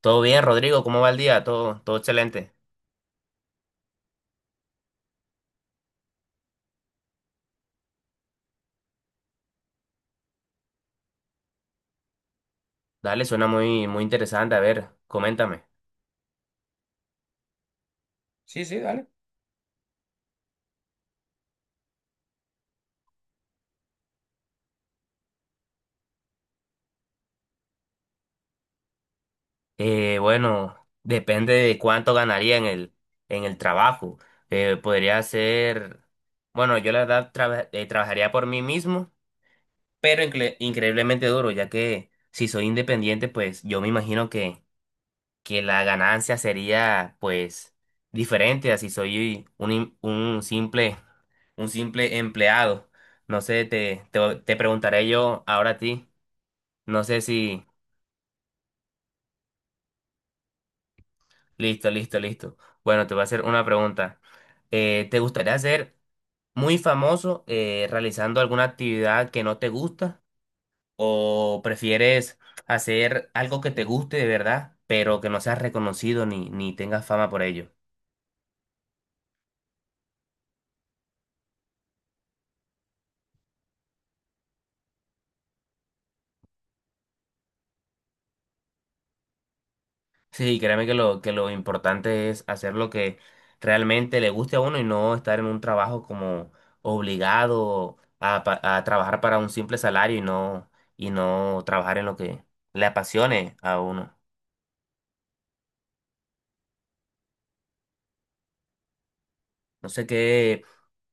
Todo bien, Rodrigo, ¿cómo va el día? Todo excelente. Dale, suena muy, muy interesante. A ver, coméntame. Sí, sí, dale. Bueno, depende de cuánto ganaría en el trabajo. Eh, podría ser, bueno, yo la verdad trabajaría por mí mismo, pero increíblemente duro, ya que si soy independiente, pues yo me imagino que la ganancia sería pues diferente a si soy un simple empleado. No sé, te preguntaré yo ahora a ti. No sé si. Listo, listo, listo. Bueno, te voy a hacer una pregunta. ¿Te gustaría ser muy famoso realizando alguna actividad que no te gusta? ¿O prefieres hacer algo que te guste de verdad, pero que no seas reconocido ni tengas fama por ello? Sí, créeme que lo, importante es hacer lo que realmente le guste a uno y no estar en un trabajo como obligado a trabajar para un simple salario y no trabajar en lo que le apasione a uno. No sé qué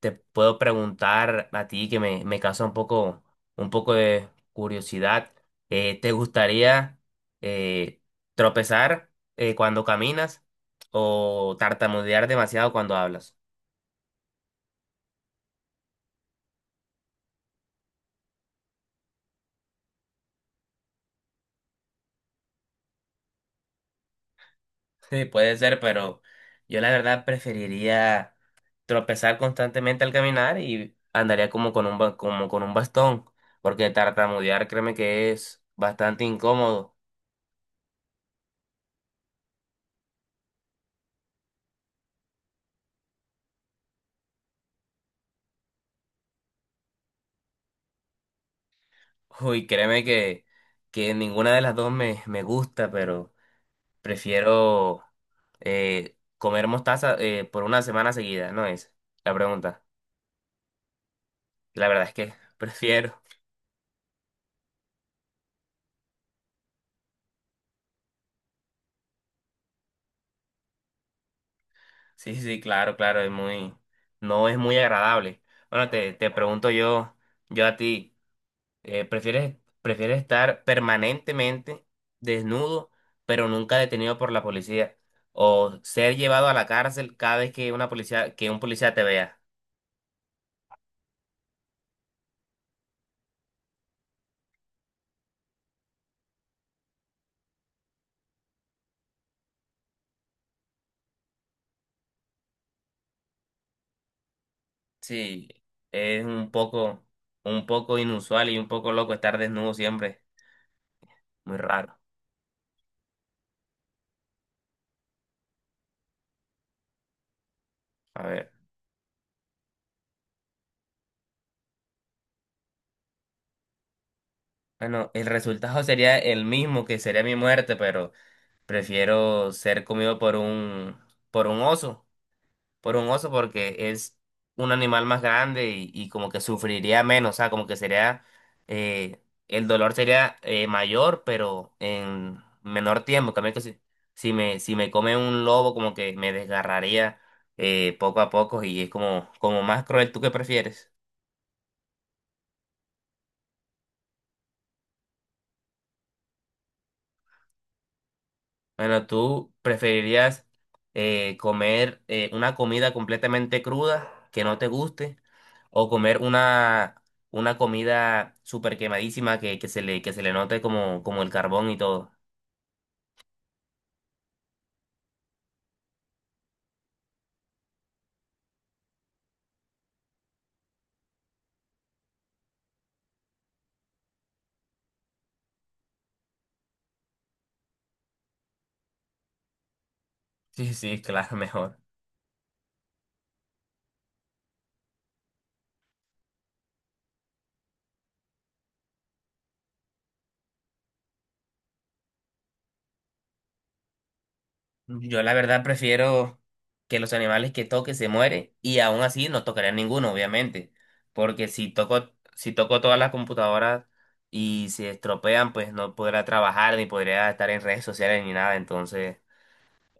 te puedo preguntar a ti que me causa un poco de curiosidad. ¿Te gustaría eh, tropezar cuando caminas o tartamudear demasiado cuando hablas? Sí, puede ser, pero yo la verdad preferiría tropezar constantemente al caminar y andaría como con un bastón, porque tartamudear créeme que es bastante incómodo. Uy, créeme que ninguna de las dos me gusta, pero prefiero comer mostaza por una semana seguida, ¿no es? La pregunta. La verdad es que prefiero. Sí, sí, claro, claro, no es muy agradable. Bueno, te pregunto yo a ti. Eh, prefieres, prefieres estar permanentemente desnudo, pero nunca detenido por la policía, o ser llevado a la cárcel cada vez que que un policía te vea. Sí, es un poco inusual y un poco loco estar desnudo siempre. Muy raro. A ver. Bueno, el resultado sería el mismo que sería mi muerte, pero prefiero ser comido por un oso. Por un oso porque es un animal más grande y como que sufriría menos, o sea, como que eh, el dolor sería mayor, pero en menor tiempo. En cambio que si me come un lobo, como que me desgarraría poco a poco y es como más cruel. ¿Tú qué prefieres? Bueno, ¿tú preferirías comer una comida completamente cruda que no te guste o comer una comida súper quemadísima que se le note como el carbón y todo? Sí, sí, claro, mejor. Yo la verdad prefiero que los animales que toque se mueren y aún así no tocaría ninguno, obviamente, porque si toco todas las computadoras y se estropean, pues no podrá trabajar ni podría estar en redes sociales ni nada, entonces.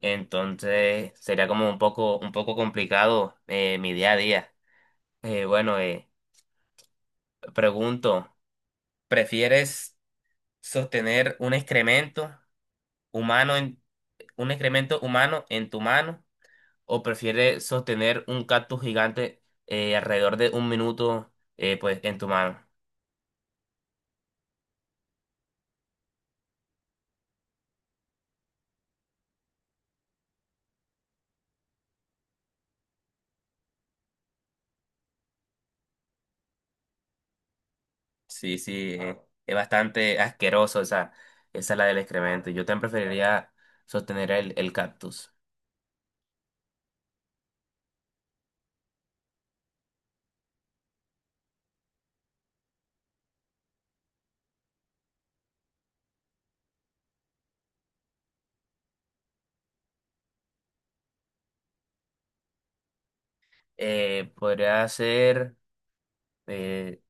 Entonces sería como un poco complicado mi día a día. Eh, bueno, eh, Pregunto, ¿prefieres sostener humano en, un excremento humano en tu mano o prefieres sostener un cactus gigante alrededor de un minuto pues en tu mano? Sí, sí, es bastante asqueroso esa es la del excremento. Yo también preferiría sostener el cactus. Podría eh,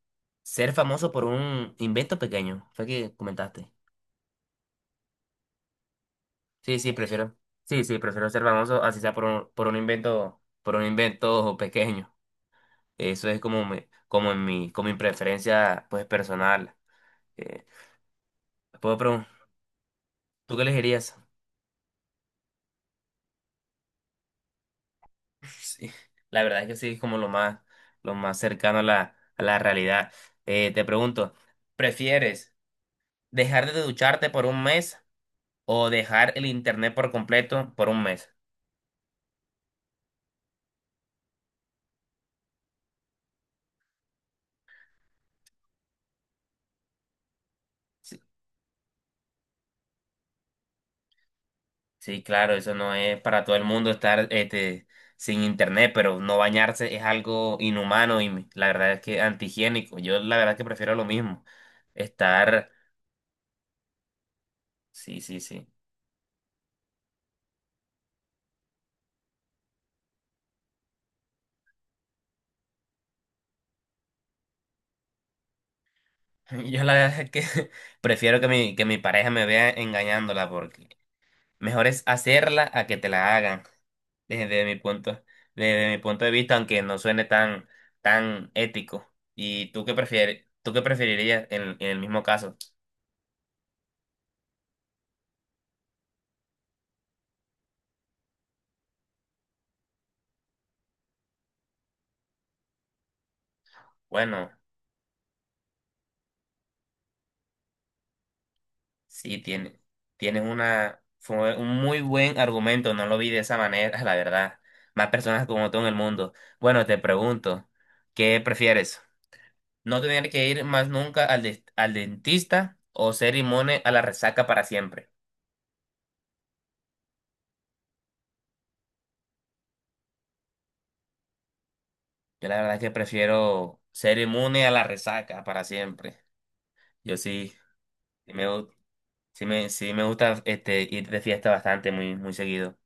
Ser famoso por un invento pequeño, fue que comentaste. Sí, sí, prefiero. Sí, sí, prefiero ser famoso, así sea por un invento pequeño. Eso es como mi, como en mi, como mi preferencia, pues, personal. Eh, Puedo preguntar, ¿tú qué elegirías? Sí, la verdad es que sí, es como lo más cercano a la realidad. Te pregunto, ¿prefieres dejar de ducharte por un mes o dejar el internet por completo por un mes? Sí, claro, eso no es para todo el mundo estar sin internet, pero no bañarse es algo inhumano y la verdad es que antihigiénico. Yo la verdad es que prefiero lo mismo. Estar, sí, sí, sí. Yo la verdad es que prefiero que mi pareja me vea engañándola porque mejor es hacerla a que te la hagan desde mi punto, desde mi punto de vista, aunque no suene tan ético. ¿Y tú qué preferirías en el mismo caso? Bueno. Sí, tienes fue un muy buen argumento, no lo vi de esa manera, la verdad. Más personas como tú en el mundo. Bueno, te pregunto, ¿qué prefieres? ¿No tener que ir más nunca al dentista o ser inmune a la resaca para siempre? Yo la verdad que prefiero ser inmune a la resaca para siempre. Yo sí, sí me, gu- sí me gusta ir de fiesta bastante, muy, muy seguido.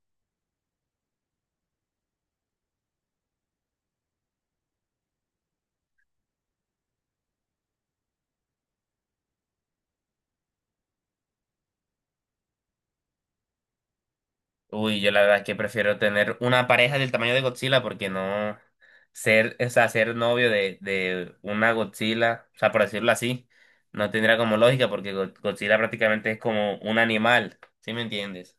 Uy, yo la verdad es que prefiero tener una pareja del tamaño de Godzilla porque no ser, o sea, ser novio de una Godzilla, o sea, por decirlo así, no tendría como lógica porque Godzilla prácticamente es como un animal, ¿sí me entiendes?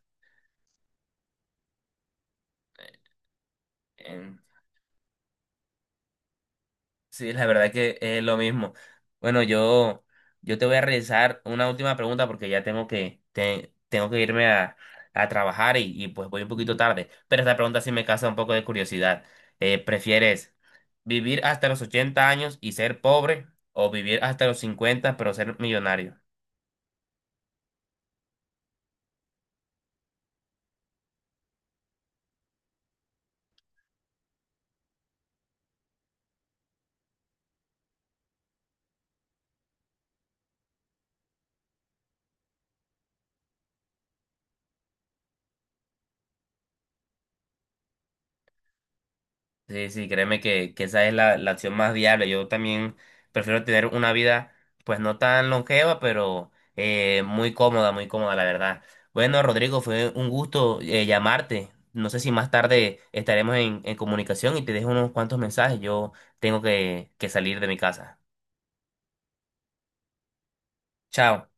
Sí, la verdad que es lo mismo. Bueno, yo te voy a realizar una última pregunta porque ya tengo que irme a trabajar y pues voy un poquito tarde. Pero esta pregunta sí me causa un poco de curiosidad. ¿Prefieres vivir hasta los 80 años y ser pobre o vivir hasta los 50 pero ser millonario? Sí, sí, créeme que esa es la opción más viable. Yo también prefiero tener una vida, pues no tan longeva, pero muy cómoda, la verdad. Bueno, Rodrigo, fue un gusto llamarte. No sé si más tarde estaremos en comunicación y te dejo unos cuantos mensajes. Yo tengo que salir de mi casa. Chao.